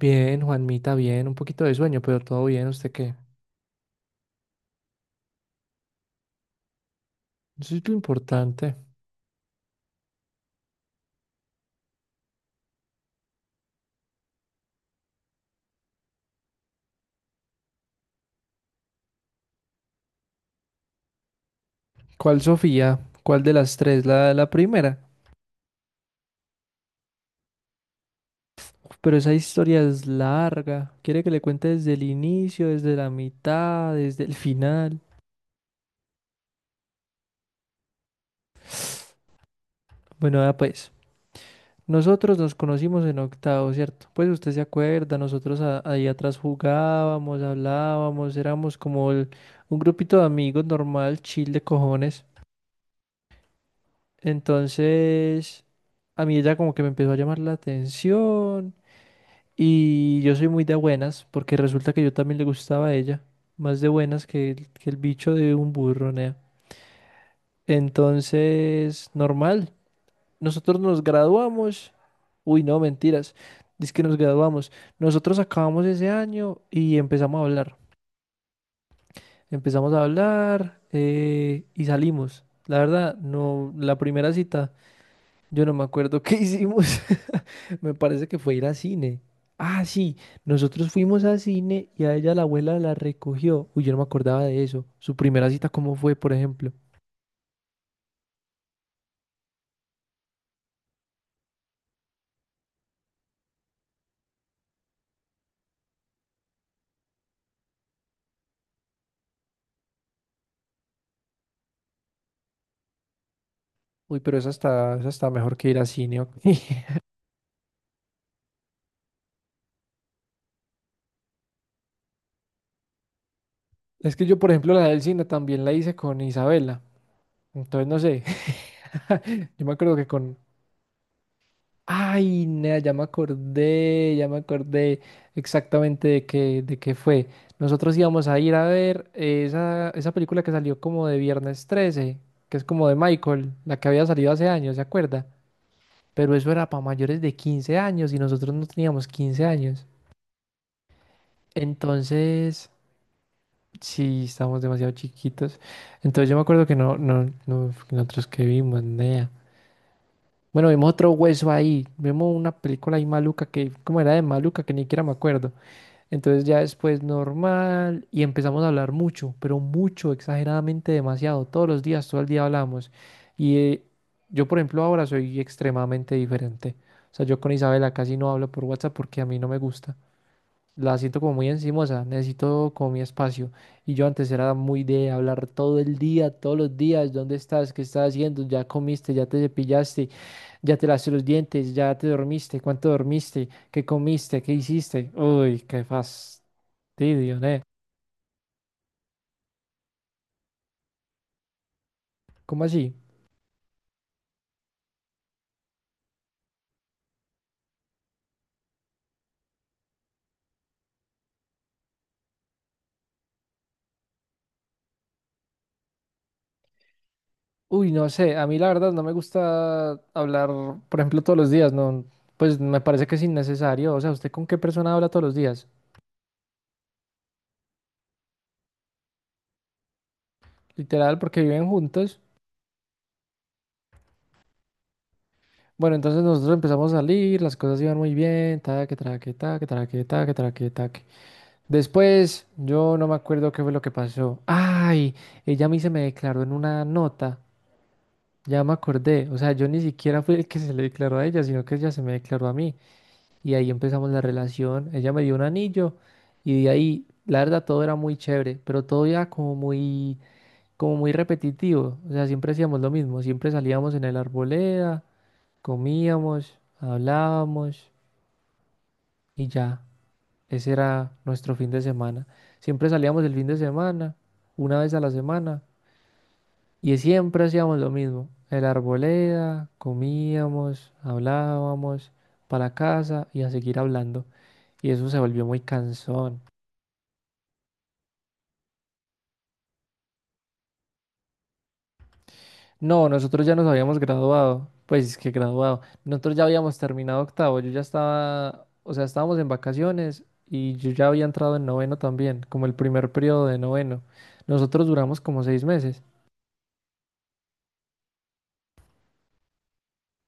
Bien, Juanmita, bien, un poquito de sueño, pero todo bien, ¿usted qué? Eso es lo importante. ¿Cuál Sofía? ¿Cuál de las tres? La primera. Uf, pero esa historia es larga. ¿Quiere que le cuente desde el inicio, desde la mitad, desde el final? Bueno, vea pues, nosotros nos conocimos en octavo, ¿cierto? Pues usted se acuerda, nosotros ahí atrás jugábamos, hablábamos, éramos como un grupito de amigos normal, chill de cojones. Entonces, a mí ella como que me empezó a llamar la atención y yo soy muy de buenas porque resulta que yo también le gustaba a ella, más de buenas que el bicho de un burro, nea. Entonces, normal, nosotros nos graduamos, uy, no, mentiras, es que nos graduamos, nosotros acabamos ese año y empezamos a hablar y salimos. La verdad, no, la primera cita. Yo no me acuerdo qué hicimos. Me parece que fue ir a cine. Ah, sí, nosotros fuimos a cine y a ella la abuela la recogió. Uy, yo no me acordaba de eso. Su primera cita, ¿cómo fue, por ejemplo? Uy, pero esa está mejor que ir a cine. Ok. Es que yo, por ejemplo, la del cine también la hice con Isabela. Entonces, no sé. Yo me acuerdo que con... Ay, nea, ya me acordé exactamente de qué fue. Nosotros íbamos a ir a ver esa, esa película que salió como de Viernes 13, que es como de Michael, la que había salido hace años, ¿se acuerda? Pero eso era para mayores de 15 años y nosotros no teníamos 15 años. Entonces, sí, estábamos demasiado chiquitos. Entonces yo me acuerdo que no, nosotros que vimos, nea. Bueno, vimos otro hueso ahí, vimos una película ahí maluca que, como era de maluca, que ni siquiera me acuerdo. Entonces ya después normal y empezamos a hablar mucho, pero mucho, exageradamente demasiado, todos los días, todo el día hablamos. Y yo, por ejemplo, ahora soy extremadamente diferente. O sea, yo con Isabela casi no hablo por WhatsApp porque a mí no me gusta. La siento como muy encimosa, necesito como mi espacio. Y yo antes era muy de hablar todo el día, todos los días, ¿dónde estás? ¿Qué estás haciendo? ¿Ya comiste? ¿Ya te cepillaste? Ya te lavaste los dientes, ya te dormiste, cuánto dormiste, qué comiste, qué hiciste. Uy, qué fastidio, ¿eh? ¿Cómo así? Uy, no sé, a mí la verdad no me gusta hablar, por ejemplo, todos los días, no, pues me parece que es innecesario. O sea, ¿usted con qué persona habla todos los días? Literal, porque viven juntos. Bueno, entonces nosotros empezamos a salir, las cosas iban muy bien, taque, traque, taque, traque, taque, traque, taque. Después, yo no me acuerdo qué fue lo que pasó. Ay, ella a mí se me declaró en una nota. Ya me acordé, o sea, yo ni siquiera fui el que se le declaró a ella, sino que ella se me declaró a mí. Y ahí empezamos la relación, ella me dio un anillo y de ahí, la verdad, todo era muy chévere, pero todo era como muy repetitivo. O sea, siempre hacíamos lo mismo, siempre salíamos en el arboleda, comíamos, hablábamos y ya, ese era nuestro fin de semana. Siempre salíamos el fin de semana, una vez a la semana, y siempre hacíamos lo mismo. El arboleda, comíamos, hablábamos, para la casa y a seguir hablando. Y eso se volvió muy cansón. No, nosotros ya nos habíamos graduado. Pues es que graduado. Nosotros ya habíamos terminado octavo. Yo ya estaba, o sea, estábamos en vacaciones y yo ya había entrado en noveno también, como el primer periodo de noveno. Nosotros duramos como 6 meses.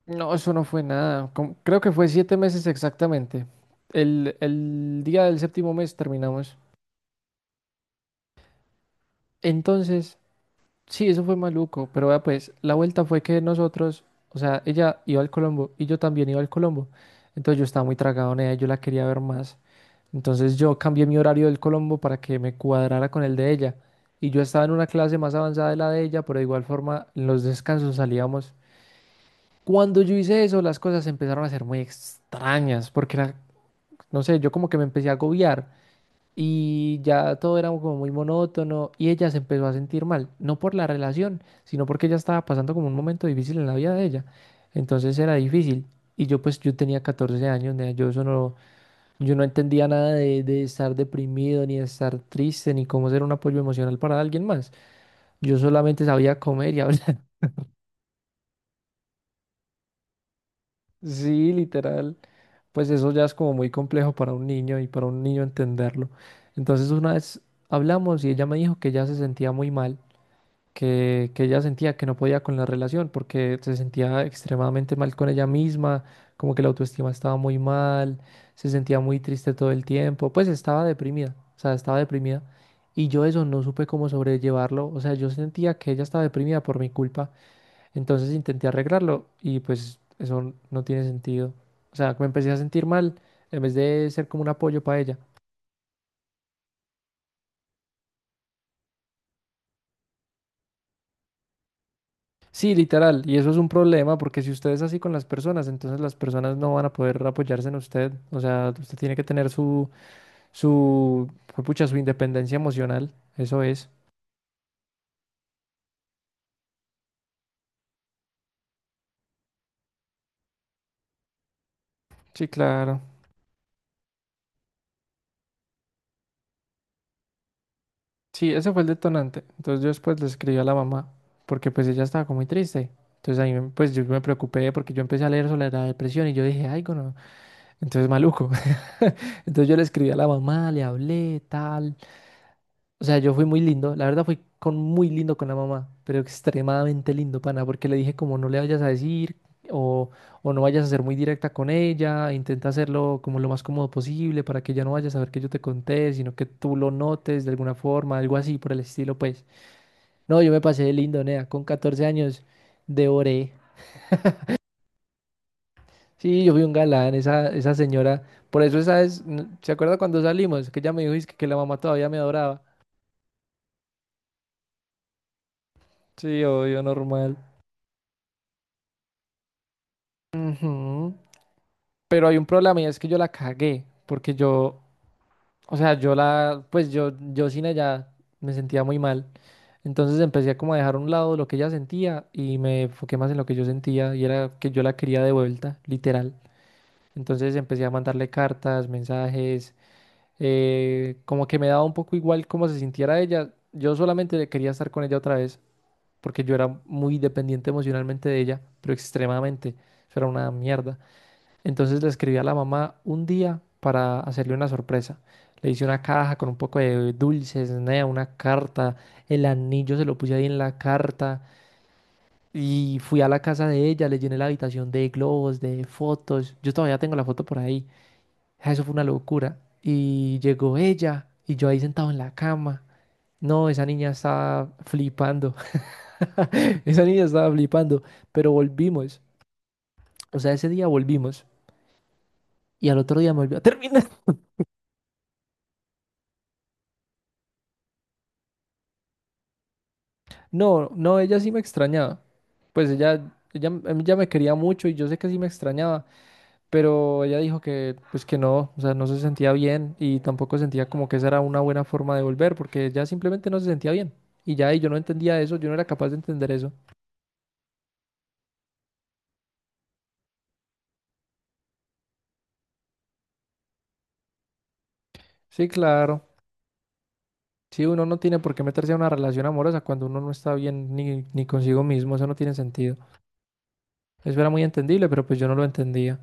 No, eso no fue nada. Creo que fue 7 meses exactamente. El día del séptimo mes terminamos. Entonces, sí, eso fue maluco, pero vea pues, la vuelta fue que nosotros, o sea, ella iba al Colombo y yo también iba al Colombo. Entonces yo estaba muy tragado en ella, yo la quería ver más. Entonces yo cambié mi horario del Colombo para que me cuadrara con el de ella. Y yo estaba en una clase más avanzada de la de ella, pero de igual forma en los descansos salíamos. Cuando yo hice eso, las cosas empezaron a ser muy extrañas, porque era, no sé, yo como que me empecé a agobiar. Y ya todo era como muy monótono y ella se empezó a sentir mal, no por la relación, sino porque ella estaba pasando como un momento difícil en la vida de ella. Entonces era difícil. Y yo pues yo tenía 14 años, nea, yo eso no, yo no entendía nada de estar deprimido, ni de estar triste, ni cómo ser un apoyo emocional para alguien más. Yo solamente sabía comer y hablar. Sí, literal. Pues eso ya es como muy complejo para un niño y para un niño entenderlo. Entonces una vez hablamos y ella me dijo que ella se sentía muy mal que ella sentía que no podía con la relación porque se sentía extremadamente mal con ella misma, como que la autoestima estaba muy mal, se sentía muy triste todo el tiempo, pues estaba deprimida, o sea, estaba deprimida. Y yo eso no supe cómo sobrellevarlo, o sea, yo sentía que ella estaba deprimida por mi culpa, entonces intenté arreglarlo y pues eso no tiene sentido. O sea, me empecé a sentir mal en vez de ser como un apoyo para ella. Sí, literal. Y eso es un problema porque si usted es así con las personas, entonces las personas no van a poder apoyarse en usted. O sea, usted tiene que tener su, su, pucha, su independencia emocional. Eso es. Sí, claro. Sí, ese fue el detonante. Entonces yo después le escribí a la mamá porque pues ella estaba como muy triste. Entonces pues yo me preocupé porque yo empecé a leer sobre la depresión y yo dije, ay, no. Entonces maluco. Entonces yo le escribí a la mamá, le hablé, tal. O sea, yo fui muy lindo, la verdad fui con muy lindo con la mamá, pero extremadamente lindo, pana, porque le dije como no le vayas a decir o, o no vayas a ser muy directa con ella, intenta hacerlo como lo más cómodo posible para que ella no vaya a saber que yo te conté, sino que tú lo notes de alguna forma, algo así por el estilo, pues. No, yo me pasé de lindo, nea, con 14 años devoré. Sí, yo fui un galán, esa señora, por eso esa es, ¿se acuerda cuando salimos? Que ella me dijo "Es que la mamá todavía me adoraba". Sí, obvio, normal. Ujú. Pero hay un problema y es que yo la cagué, porque yo, o sea, yo la, pues yo sin ella me sentía muy mal. Entonces empecé como a dejar a un lado lo que ella sentía y me enfoqué más en lo que yo sentía y era que yo la quería de vuelta, literal. Entonces empecé a mandarle cartas, mensajes, como que me daba un poco igual cómo se sintiera ella. Yo solamente quería estar con ella otra vez, porque yo era muy dependiente emocionalmente de ella, pero extremadamente. Eso era una mierda. Entonces le escribí a la mamá un día para hacerle una sorpresa. Le hice una caja con un poco de dulces, nea, una carta, el anillo se lo puse ahí en la carta y fui a la casa de ella, le llené la habitación de globos, de fotos. Yo todavía tengo la foto por ahí. Ah, eso fue una locura. Y llegó ella y yo ahí sentado en la cama. No, esa niña estaba flipando. Esa niña estaba flipando, pero volvimos. O sea, ese día volvimos y al otro día me volvió a terminar. No, ella sí me extrañaba. Pues ella me quería mucho y yo sé que sí me extrañaba, pero ella dijo que, pues que no, o sea, no se sentía bien y tampoco sentía como que esa era una buena forma de volver, porque ella simplemente no se sentía bien. Y ya, y yo no entendía eso, yo no era capaz de entender eso. Sí, claro. Sí, uno no tiene por qué meterse a una relación amorosa cuando uno no está bien ni consigo mismo, eso no tiene sentido. Eso era muy entendible, pero pues yo no lo entendía.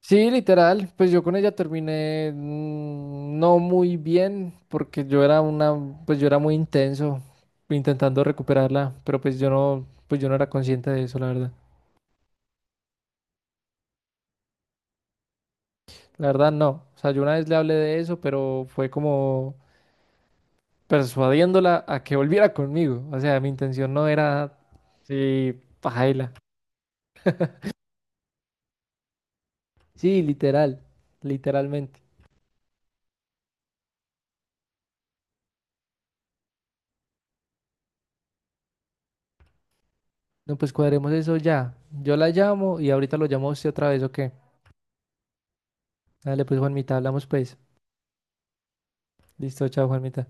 Sí, literal, pues yo con ella terminé no muy bien porque yo era una, pues yo era muy intenso intentando recuperarla, pero pues yo no era consciente de eso, la verdad. La verdad no, o sea, yo una vez le hablé de eso, pero fue como persuadiéndola a que volviera conmigo, o sea, mi intención no era, sí, pajaila. Sí, literal, literalmente. No, pues cuadremos eso ya. Yo la llamo y ahorita lo llamo a usted otra vez, ¿o qué? Dale, pues Juanmita, hablamos pues. Listo, chao, Juanmita.